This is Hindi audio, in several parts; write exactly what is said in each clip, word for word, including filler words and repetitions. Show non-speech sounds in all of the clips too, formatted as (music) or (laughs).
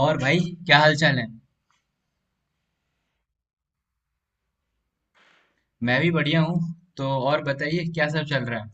और भाई, क्या हाल चाल है। मैं भी बढ़िया हूँ। तो और बताइए क्या सब चल रहा है।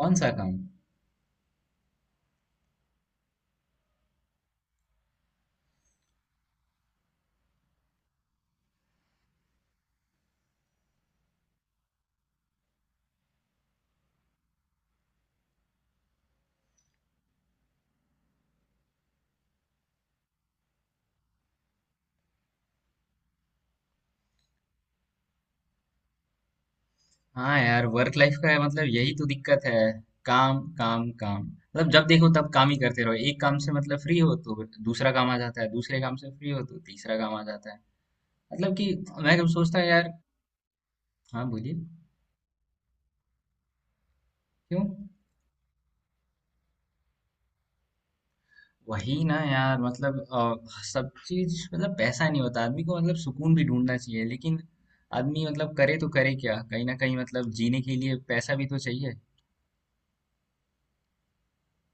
कौन सा काम। हाँ यार, वर्क लाइफ का है मतलब यही तो दिक्कत है। काम काम काम, मतलब जब देखो तब काम ही करते रहो। एक काम से मतलब फ्री हो तो दूसरा काम आ जाता है, दूसरे काम से फ्री हो तो तीसरा काम आ जाता है। मतलब कि मैं कब सोचता है यार। हाँ बोलिए। क्यों। वही ना यार, मतलब अ, सब चीज मतलब पैसा नहीं होता आदमी को, मतलब सुकून भी ढूंढना चाहिए लेकिन आदमी मतलब करे तो करे क्या, कहीं ना कहीं मतलब जीने के लिए पैसा भी तो चाहिए।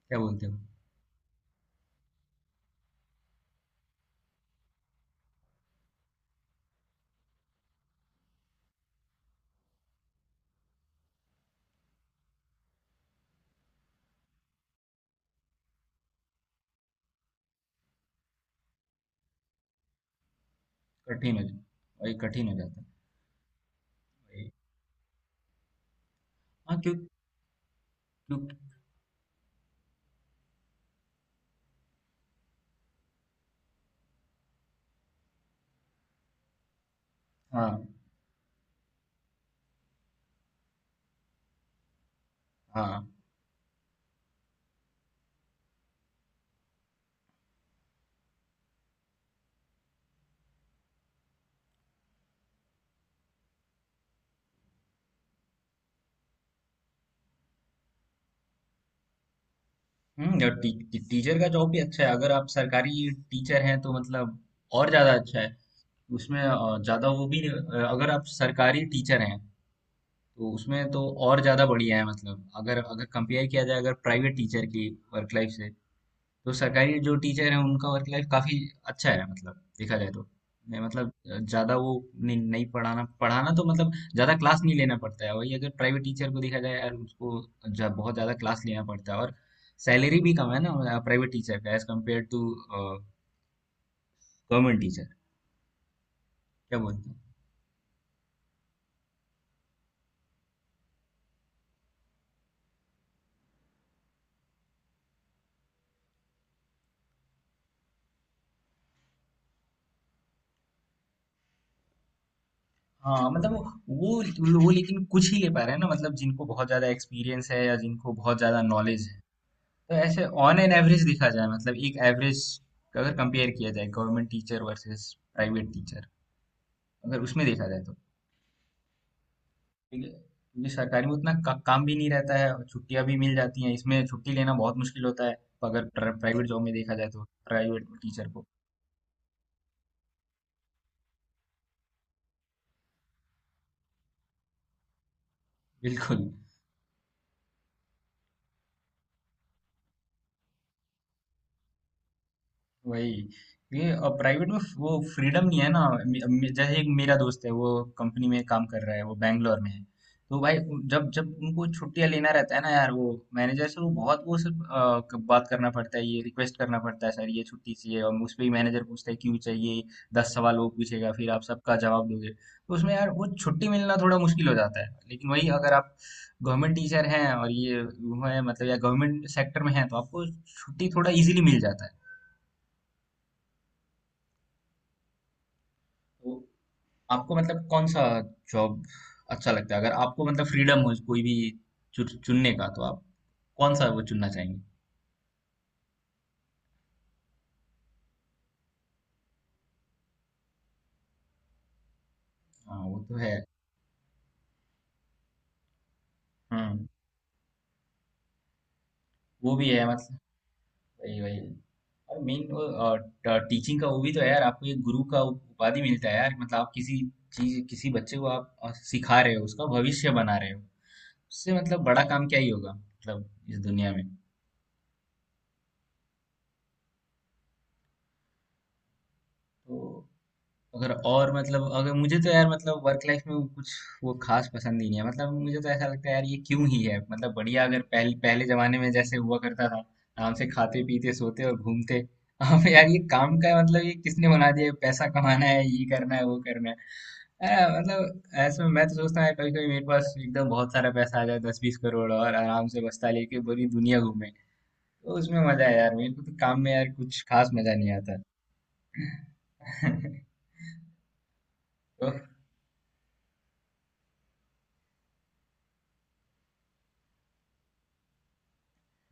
क्या बोलते हो। कठिन हो जाता, वही कठिन हो जाता है। वही। हाँ क्यों। क्यों। हाँ। हाँ। हम्म, और टी, टी, टीचर का जॉब भी अच्छा है, अगर आप सरकारी टीचर हैं तो मतलब और ज्यादा अच्छा है। उसमें अ, ज्यादा वो भी नहीं- अ, अगर आप सरकारी टीचर हैं तो उसमें तो और ज़्यादा बढ़िया है। मतलब अगर अगर कंपेयर किया जाए अगर प्राइवेट टीचर की वर्क लाइफ से, तो सरकारी जो टीचर है उनका वर्क लाइफ काफ़ी अच्छा है, मतलब देखा जाए तो। नहीं, मतलब ज़्यादा वो नहीं, नहीं पढ़ाना पढ़ाना तो मतलब ज़्यादा क्लास नहीं लेना पड़ता है। वही अगर प्राइवेट टीचर को देखा जाए यार, उसको जा, बहुत ज़्यादा क्लास लेना पड़ता है, और सैलरी भी कम है ना प्राइवेट टीचर का age compare to government teacher. क्या बोलते हैं। हाँ मतलब वो वो मतलब वो लेकिन कुछ ही ले पा रहे हैं ना, मतलब जिनको बहुत ज्यादा एक्सपीरियंस है या जिनको बहुत ज्यादा नॉलेज है। तो ऐसे ऑन एन एवरेज देखा जाए मतलब एक एवरेज, अगर कंपेयर किया जाए government teacher versus private teacher, अगर उसमें देखा जाए तो ठीक है, क्योंकि सरकारी में उतना का, काम भी नहीं रहता है और छुट्टियां भी मिल जाती हैं। इसमें छुट्टी लेना बहुत मुश्किल होता है अगर प्राइवेट जॉब में देखा जाए तो, प्राइवेट टीचर को। बिल्कुल। वही। ये और प्राइवेट में वो फ्रीडम नहीं है ना। मे- मे- जैसे एक मेरा दोस्त है, वो कंपनी में काम कर रहा है, वो बैंगलोर में है, तो भाई उन- जब जब उनको छुट्टियां लेना रहता है ना यार, वो मैनेजर से वो बहुत वो सिर्फ अ, क- बात करना पड़ता है, ये रिक्वेस्ट करना पड़ता है सर ये छुट्टी चाहिए, और उस पर ही मैनेजर पूछता है क्यों चाहिए। दस सवाल वो पूछेगा, फिर आप सबका जवाब दोगे तो उसमें यार वो छुट्टी मिलना थोड़ा मुश्किल हो जाता है। लेकिन वही अगर आप गवर्नमेंट टीचर हैं और ये वो है मतलब, या गवर्नमेंट सेक्टर में हैं, तो आपको छुट्टी थोड़ा इजीली मिल जाता है। तो आपको मतलब कौन सा जॉब अच्छा लगता है, अगर आपको मतलब फ्रीडम हो कोई भी चु- चुनने का, तो आप कौन सा वो चुनना चाहेंगे। हाँ वो तो है। हम्म। वो भी है मतलब वही वही। और मेन वो टीचिंग का वो भी तो है यार, आपको एक गुरु का उप- उपाधि मिलता है यार। मतलब आप किसी चीज किसी बच्चे को आप अ, सिखा रहे हो, उसका भविष्य बना रहे हो, उससे मतलब बड़ा काम क्या ही होगा मतलब इस दुनिया में। तो अगर और मतलब अगर मुझे तो यार मतलब वर्क लाइफ में वो कुछ वो खास पसंद नहीं है, मतलब मुझे तो ऐसा लगता है यार ये क्यों ही है मतलब। बढ़िया अगर पहले पहले जमाने में जैसे हुआ करता था आराम से खाते पीते सोते और घूमते। (laughs) अब यार ये काम का मतलब ये किसने बना दिया है? पैसा कमाना है, ये करना है, वो करना है। आ, मतलब ऐसे में मैं तो सोचता हूँ कभी कभी मेरे पास एकदम बहुत सारा पैसा आ जाए दस बीस करोड़, और आराम से बस्ता लेके पूरी दुनिया घूमे, तो उसमें मजा है यार। मेरे को तो काम में यार कुछ खास मजा नहीं आता। (laughs) तो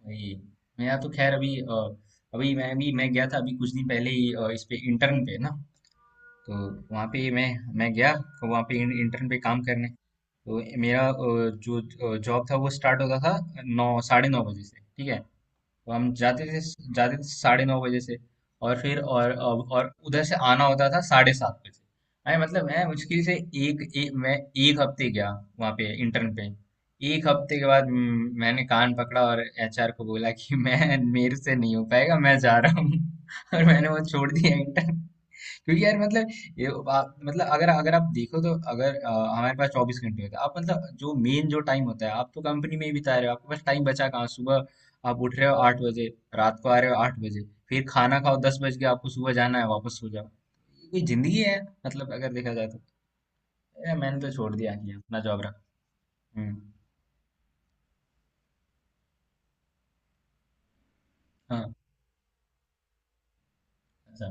वही। मेरा तो खैर अभी अ, अभी मैं भी मैं गया था, अभी कुछ दिन पहले ही अ, इस पे इंटर्न पे ना। तो वहाँ पे मैं मैं गया तो वहाँ पे इंटर्न पे काम करने, तो मेरा अ, जो जॉब था वो स्टार्ट होता था नौ साढ़े नौ बजे से, ठीक है। तो हम जाते थे, जाते थे साढ़े नौ बजे से, और फिर और और और उधर से आना होता था साढ़े सात बजे। मैं मतलब मैं मुश्किल से एक, एक मैं एक हफ्ते गया वहाँ पे इंटर्न पे। एक हफ्ते के बाद म, मैंने कान पकड़ा और एच आर को बोला कि (laughs) मैं मेरे से नहीं हो पाएगा मैं जा रहा हूँ। (laughs) और मैंने वो छोड़ दिया इंटर्न, क्योंकि यार मतलब ये आप, मतलब अगर अगर आप देखो तो अगर अ, हमारे पास चौबीस घंटे होते हैं, आप मतलब जो मेन जो टाइम होता है आप तो कंपनी में ही बिता रहे हो, आपके पास टाइम बचा कहाँ। सुबह आप उठ रहे हो आठ बजे, रात को आ रहे हो आठ बजे, फिर खाना खाओ दस बज के, आपको सुबह जाना है वापस सो जाओ, ये कोई जिंदगी है। मतलब अगर देखा जाए तो ए, मैंने तो छोड़ दिया ये अपना जॉब रहा। हम्म। हाँ। अच्छा।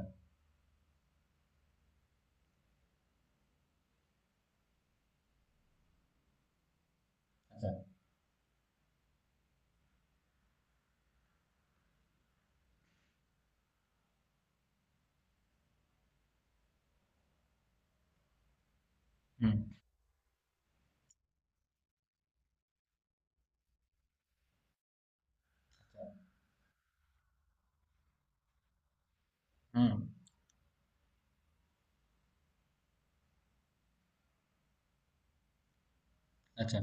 अच्छा। हम्म। हम्म। अच्छा।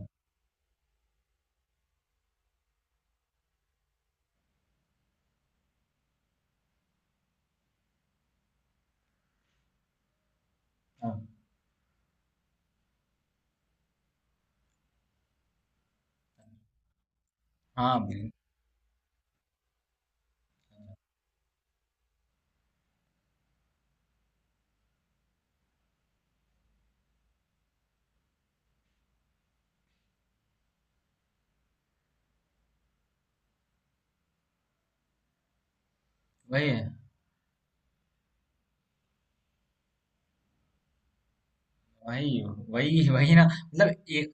हाँ। हाँ। बिल- वही है। वही। वही वही ना, मतलब ये।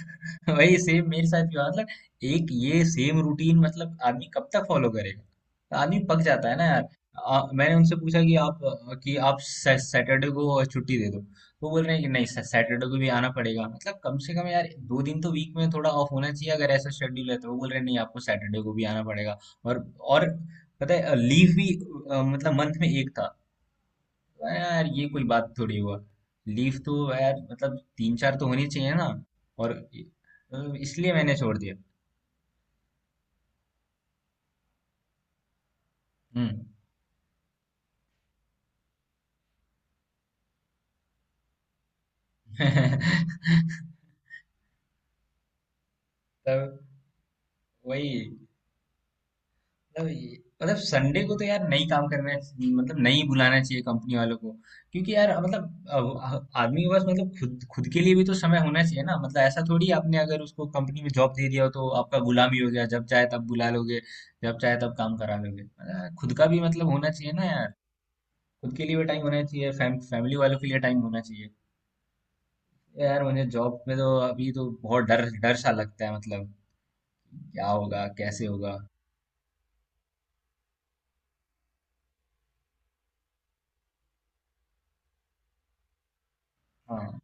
(laughs) वही सेम मेरे साथ भी हुआ मतलब। एक ये सेम रूटीन, मतलब आदमी कब तक फॉलो करेगा, आदमी पक जाता है ना यार। आ, मैंने उनसे पूछा कि आप कि आप सै- सैटरडे को छुट्टी दे दो, तो बोल रहे हैं कि नहीं सै- सैटरडे को भी आना पड़ेगा। मतलब कम से कम यार दो दिन तो वीक में थोड़ा ऑफ होना चाहिए, अगर ऐसा शेड्यूल है तो। वो बोल रहे हैं नहीं आपको सैटरडे को भी आना पड़ेगा। और और पता है लीव भी अ, मतलब मंथ में एक था। अरे यार ये कोई बात थोड़ी हुआ। लीव तो यार मतलब तीन चार तो होनी चाहिए ना। और मतलब इसलिए मैंने छोड़ दिया। हम्म। (laughs) तब वही, मतलब ये- मतलब संडे को तो यार नहीं काम करना है, मतलब नहीं बुलाना चाहिए कंपनी वालों को। क्योंकि यार मतलब अब आदमी के पास मतलब खुद खुद के लिए भी तो समय होना चाहिए ना, मतलब ऐसा थोड़ी, आपने अगर उसको कंपनी में जॉब दे दिया हो तो आपका गुलामी हो गया, जब चाहे तब बुला लोगे, जब चाहे तब काम करा लोगे। मतलब खुद का भी मतलब होना चाहिए ना। खुद के लिए भी टाइम होना चाहिए, फैम, फैमिली वालों के लिए टाइम होना चाहिए। यार मुझे जॉब में तो अभी तो बहुत डर डर सा लगता है, मतलब क्या होगा कैसे होगा। हाँ।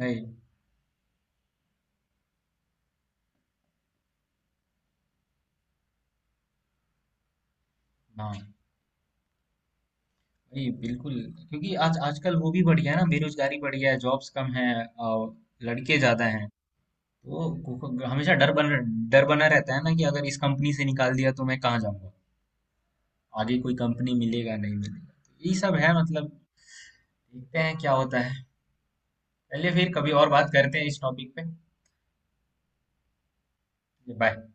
नहीं। हाँ। नहीं बिल्कुल। क्योंकि आज आजकल वो भी बढ़ गया है ना, बेरोजगारी बढ़ गया है, जॉब्स कम है और लड़के ज्यादा हैं। तो को- को- हमेशा डर बन डर बना रहता है ना कि अगर इस कंपनी से निकाल दिया तो मैं कहाँ जाऊंगा। आगे कोई कंपनी मिलेगा, नहीं मिलेगा, तो यही सब है। मतलब देखते हैं क्या होता है। चलिए फिर कभी और बात करते हैं इस टॉपिक पे। बाय।